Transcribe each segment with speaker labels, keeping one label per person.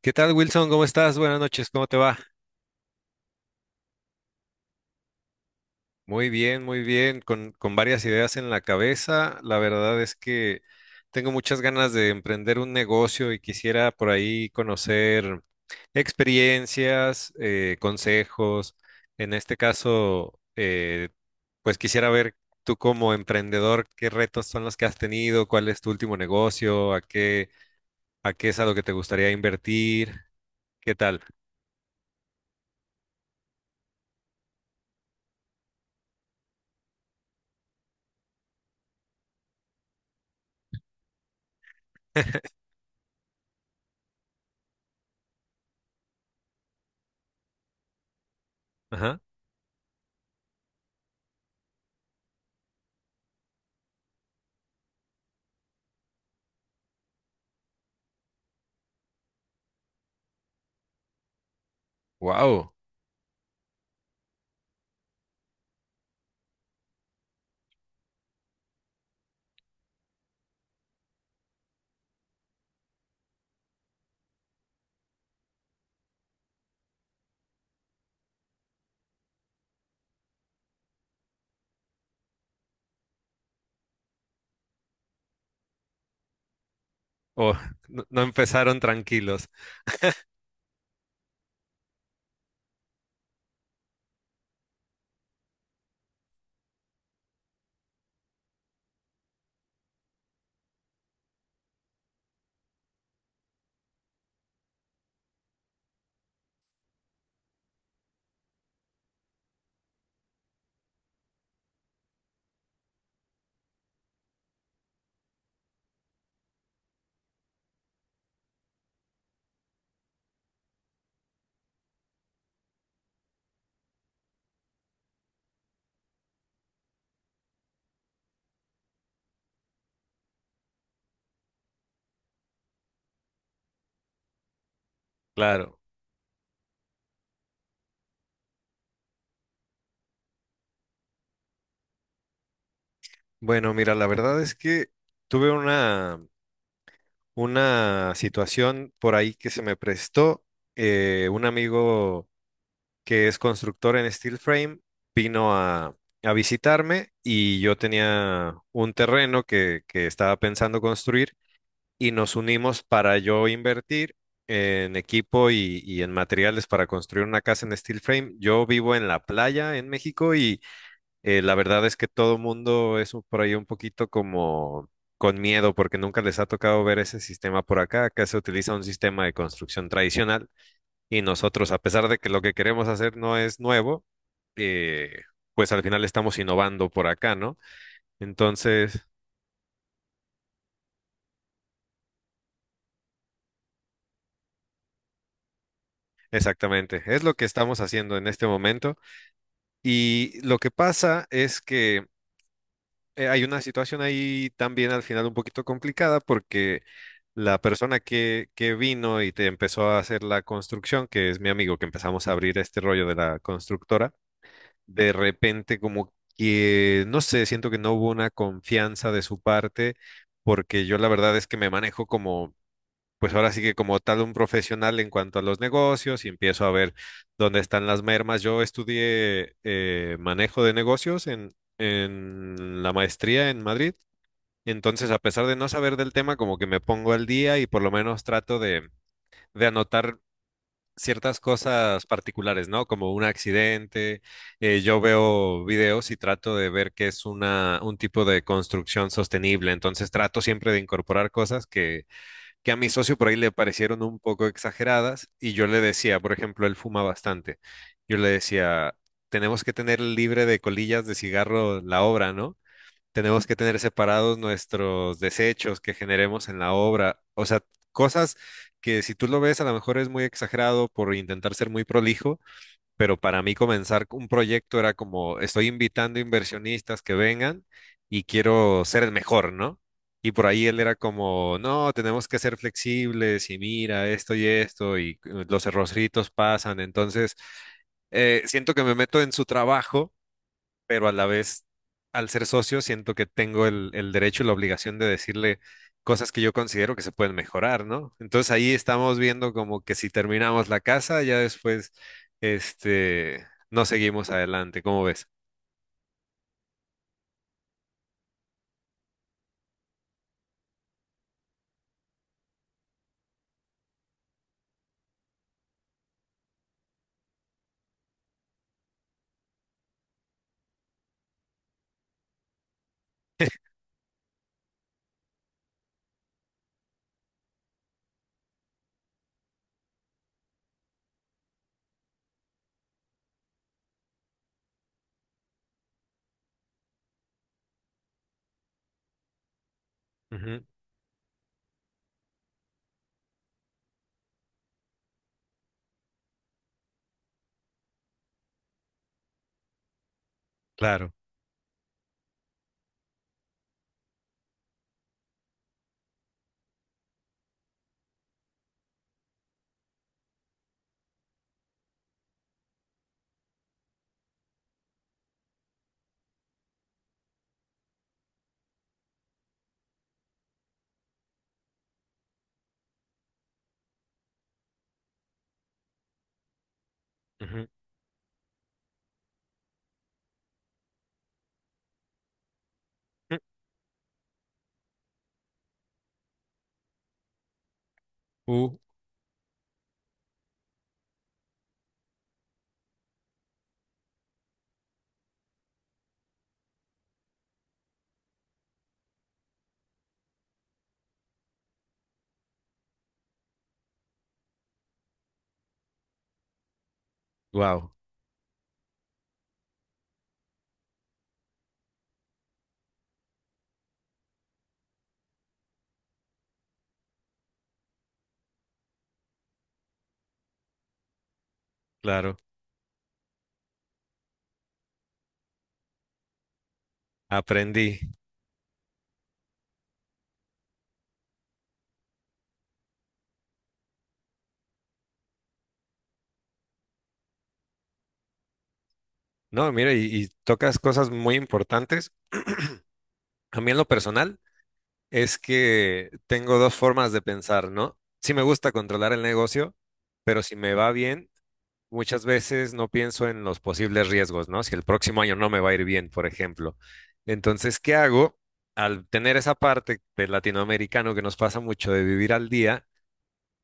Speaker 1: ¿Qué tal, Wilson? ¿Cómo estás? Buenas noches, ¿cómo te va? Muy bien, con varias ideas en la cabeza. La verdad es que tengo muchas ganas de emprender un negocio y quisiera por ahí conocer experiencias, consejos. En este caso, pues quisiera ver tú como emprendedor, qué retos son los que has tenido, cuál es tu último negocio, a qué es a lo que te gustaría invertir, ¿qué tal? Ajá. Wow. Oh, no, no empezaron tranquilos, claro. Bueno, mira, la verdad es que tuve una situación por ahí que se me prestó. Un amigo que es constructor en steel frame vino a visitarme y yo tenía un terreno que estaba pensando construir y nos unimos para yo invertir en equipo y en materiales para construir una casa en steel frame. Yo vivo en la playa en México y la verdad es que todo mundo es por ahí un poquito como con miedo porque nunca les ha tocado ver ese sistema por acá. Acá se utiliza un sistema de construcción tradicional y nosotros, a pesar de que lo que queremos hacer no es nuevo, eh, pues al final estamos innovando por acá, ¿no? Entonces, exactamente, es lo que estamos haciendo en este momento. Y lo que pasa es que hay una situación ahí también al final un poquito complicada porque la persona que vino y te empezó a hacer la construcción, que es mi amigo, que empezamos a abrir este rollo de la constructora, de repente como que, no sé, siento que no hubo una confianza de su parte porque yo la verdad es que me manejo como pues ahora sí que como tal un profesional en cuanto a los negocios y empiezo a ver dónde están las mermas. Yo estudié manejo de negocios en la maestría en Madrid. Entonces, a pesar de no saber del tema, como que me pongo al día y por lo menos de anotar ciertas cosas particulares, ¿no? Como un accidente. Yo veo videos y trato de ver qué es un tipo de construcción sostenible. Entonces, trato siempre de incorporar cosas que a mi socio por ahí le parecieron un poco exageradas y yo le decía, por ejemplo, él fuma bastante, yo le decía, tenemos que tener libre de colillas de cigarro la obra, ¿no? Tenemos que tener separados nuestros desechos que generemos en la obra, o sea, cosas que si tú lo ves a lo mejor es muy exagerado por intentar ser muy prolijo, pero para mí comenzar un proyecto era como, estoy invitando inversionistas que vengan y quiero ser el mejor, ¿no? Y por ahí él era como, no, tenemos que ser flexibles y mira esto y esto y los errorcitos pasan. Entonces, siento que me meto en su trabajo pero a la vez, al ser socio, siento que tengo el derecho y la obligación de decirle cosas que yo considero que se pueden mejorar, ¿no? Entonces ahí estamos viendo como que si terminamos la casa, ya después, este, no seguimos adelante, ¿cómo ves? Ujú, claro. ujú. Uh, wow, claro, aprendí. No, mira, y tocas cosas muy importantes. A mí en lo personal es que tengo dos formas de pensar, ¿no? Sí me gusta controlar el negocio, pero si me va bien, muchas veces no pienso en los posibles riesgos, ¿no? Si el próximo año no me va a ir bien, por ejemplo. Entonces, ¿qué hago? Al tener esa parte del latinoamericano que nos pasa mucho de vivir al día,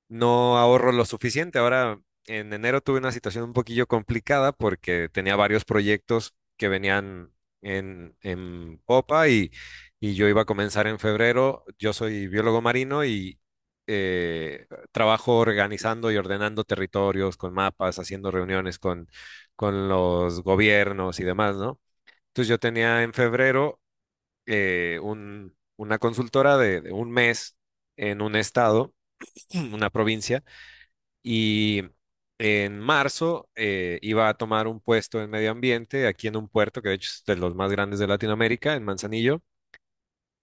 Speaker 1: no ahorro lo suficiente. Ahora, en enero tuve una situación un poquillo complicada porque tenía varios proyectos que venían en popa y yo iba a comenzar en febrero. Yo soy biólogo marino y eh, trabajo organizando y ordenando territorios con mapas, haciendo reuniones con los gobiernos y demás, ¿no? Entonces yo tenía en febrero una consultora de un mes en un estado, una provincia, y en marzo iba a tomar un puesto en medio ambiente aquí en un puerto que de hecho es de los más grandes de Latinoamérica, en Manzanillo.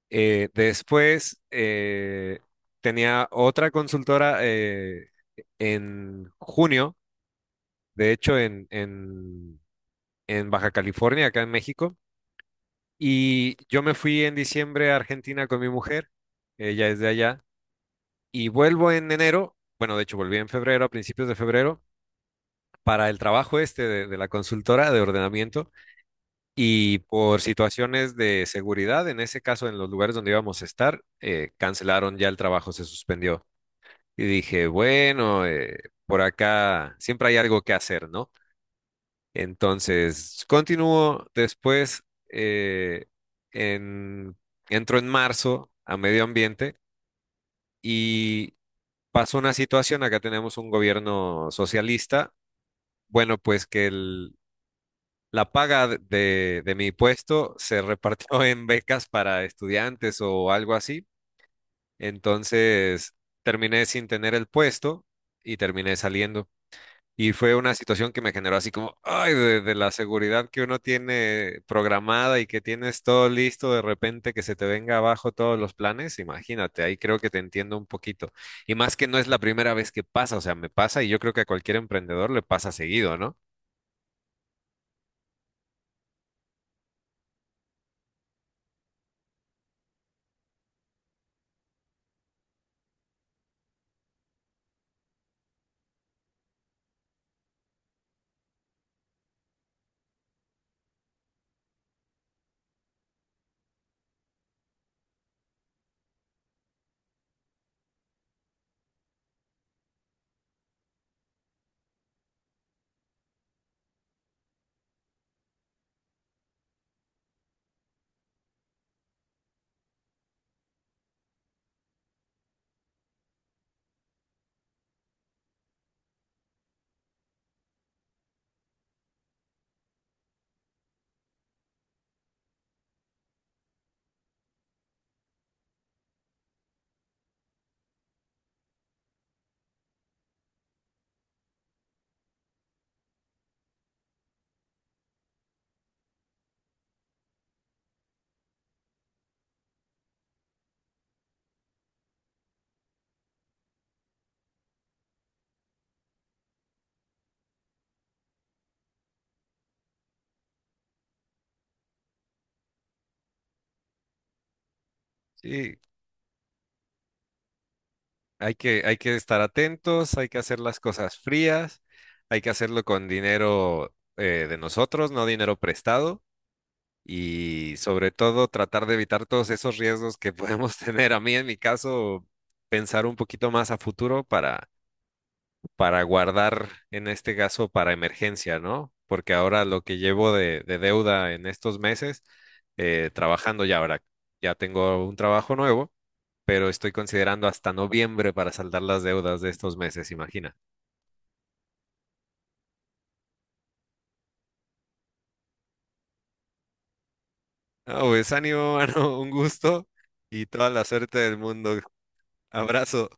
Speaker 1: Después tenía otra consultora en junio, de hecho en Baja California, acá en México. Y yo me fui en diciembre a Argentina con mi mujer, ella es de allá, y vuelvo en enero, bueno, de hecho volví en febrero, a principios de febrero para el trabajo este de la consultora de ordenamiento y por situaciones de seguridad, en ese caso en los lugares donde íbamos a estar, cancelaron ya el trabajo, se suspendió. Y dije, bueno, por acá siempre hay algo que hacer, ¿no? Entonces, continúo después, eh, en, entro en marzo a medio ambiente y pasó una situación, acá tenemos un gobierno socialista, bueno, pues que la paga de mi puesto se repartió en becas para estudiantes o algo así. Entonces terminé sin tener el puesto y terminé saliendo. Y fue una situación que me generó así como, ay, de la seguridad que uno tiene programada y que tienes todo listo, de repente que se te venga abajo todos los planes, imagínate, ahí creo que te entiendo un poquito. Y más que no es la primera vez que pasa, o sea, me pasa y yo creo que a cualquier emprendedor le pasa seguido, ¿no? Sí, hay que hay que estar atentos, hay que hacer las cosas frías, hay que hacerlo con dinero de nosotros, no dinero prestado, y sobre todo tratar de evitar todos esos riesgos que podemos tener. A mí, en mi caso, pensar un poquito más a futuro para guardar, en este caso, para emergencia, ¿no? Porque ahora lo que llevo de deuda en estos meses, trabajando ya ahora, ya tengo un trabajo nuevo pero estoy considerando hasta noviembre para saldar las deudas de estos meses, imagina. Ah, pues ánimo, mano, un gusto y toda la suerte del mundo. Abrazo.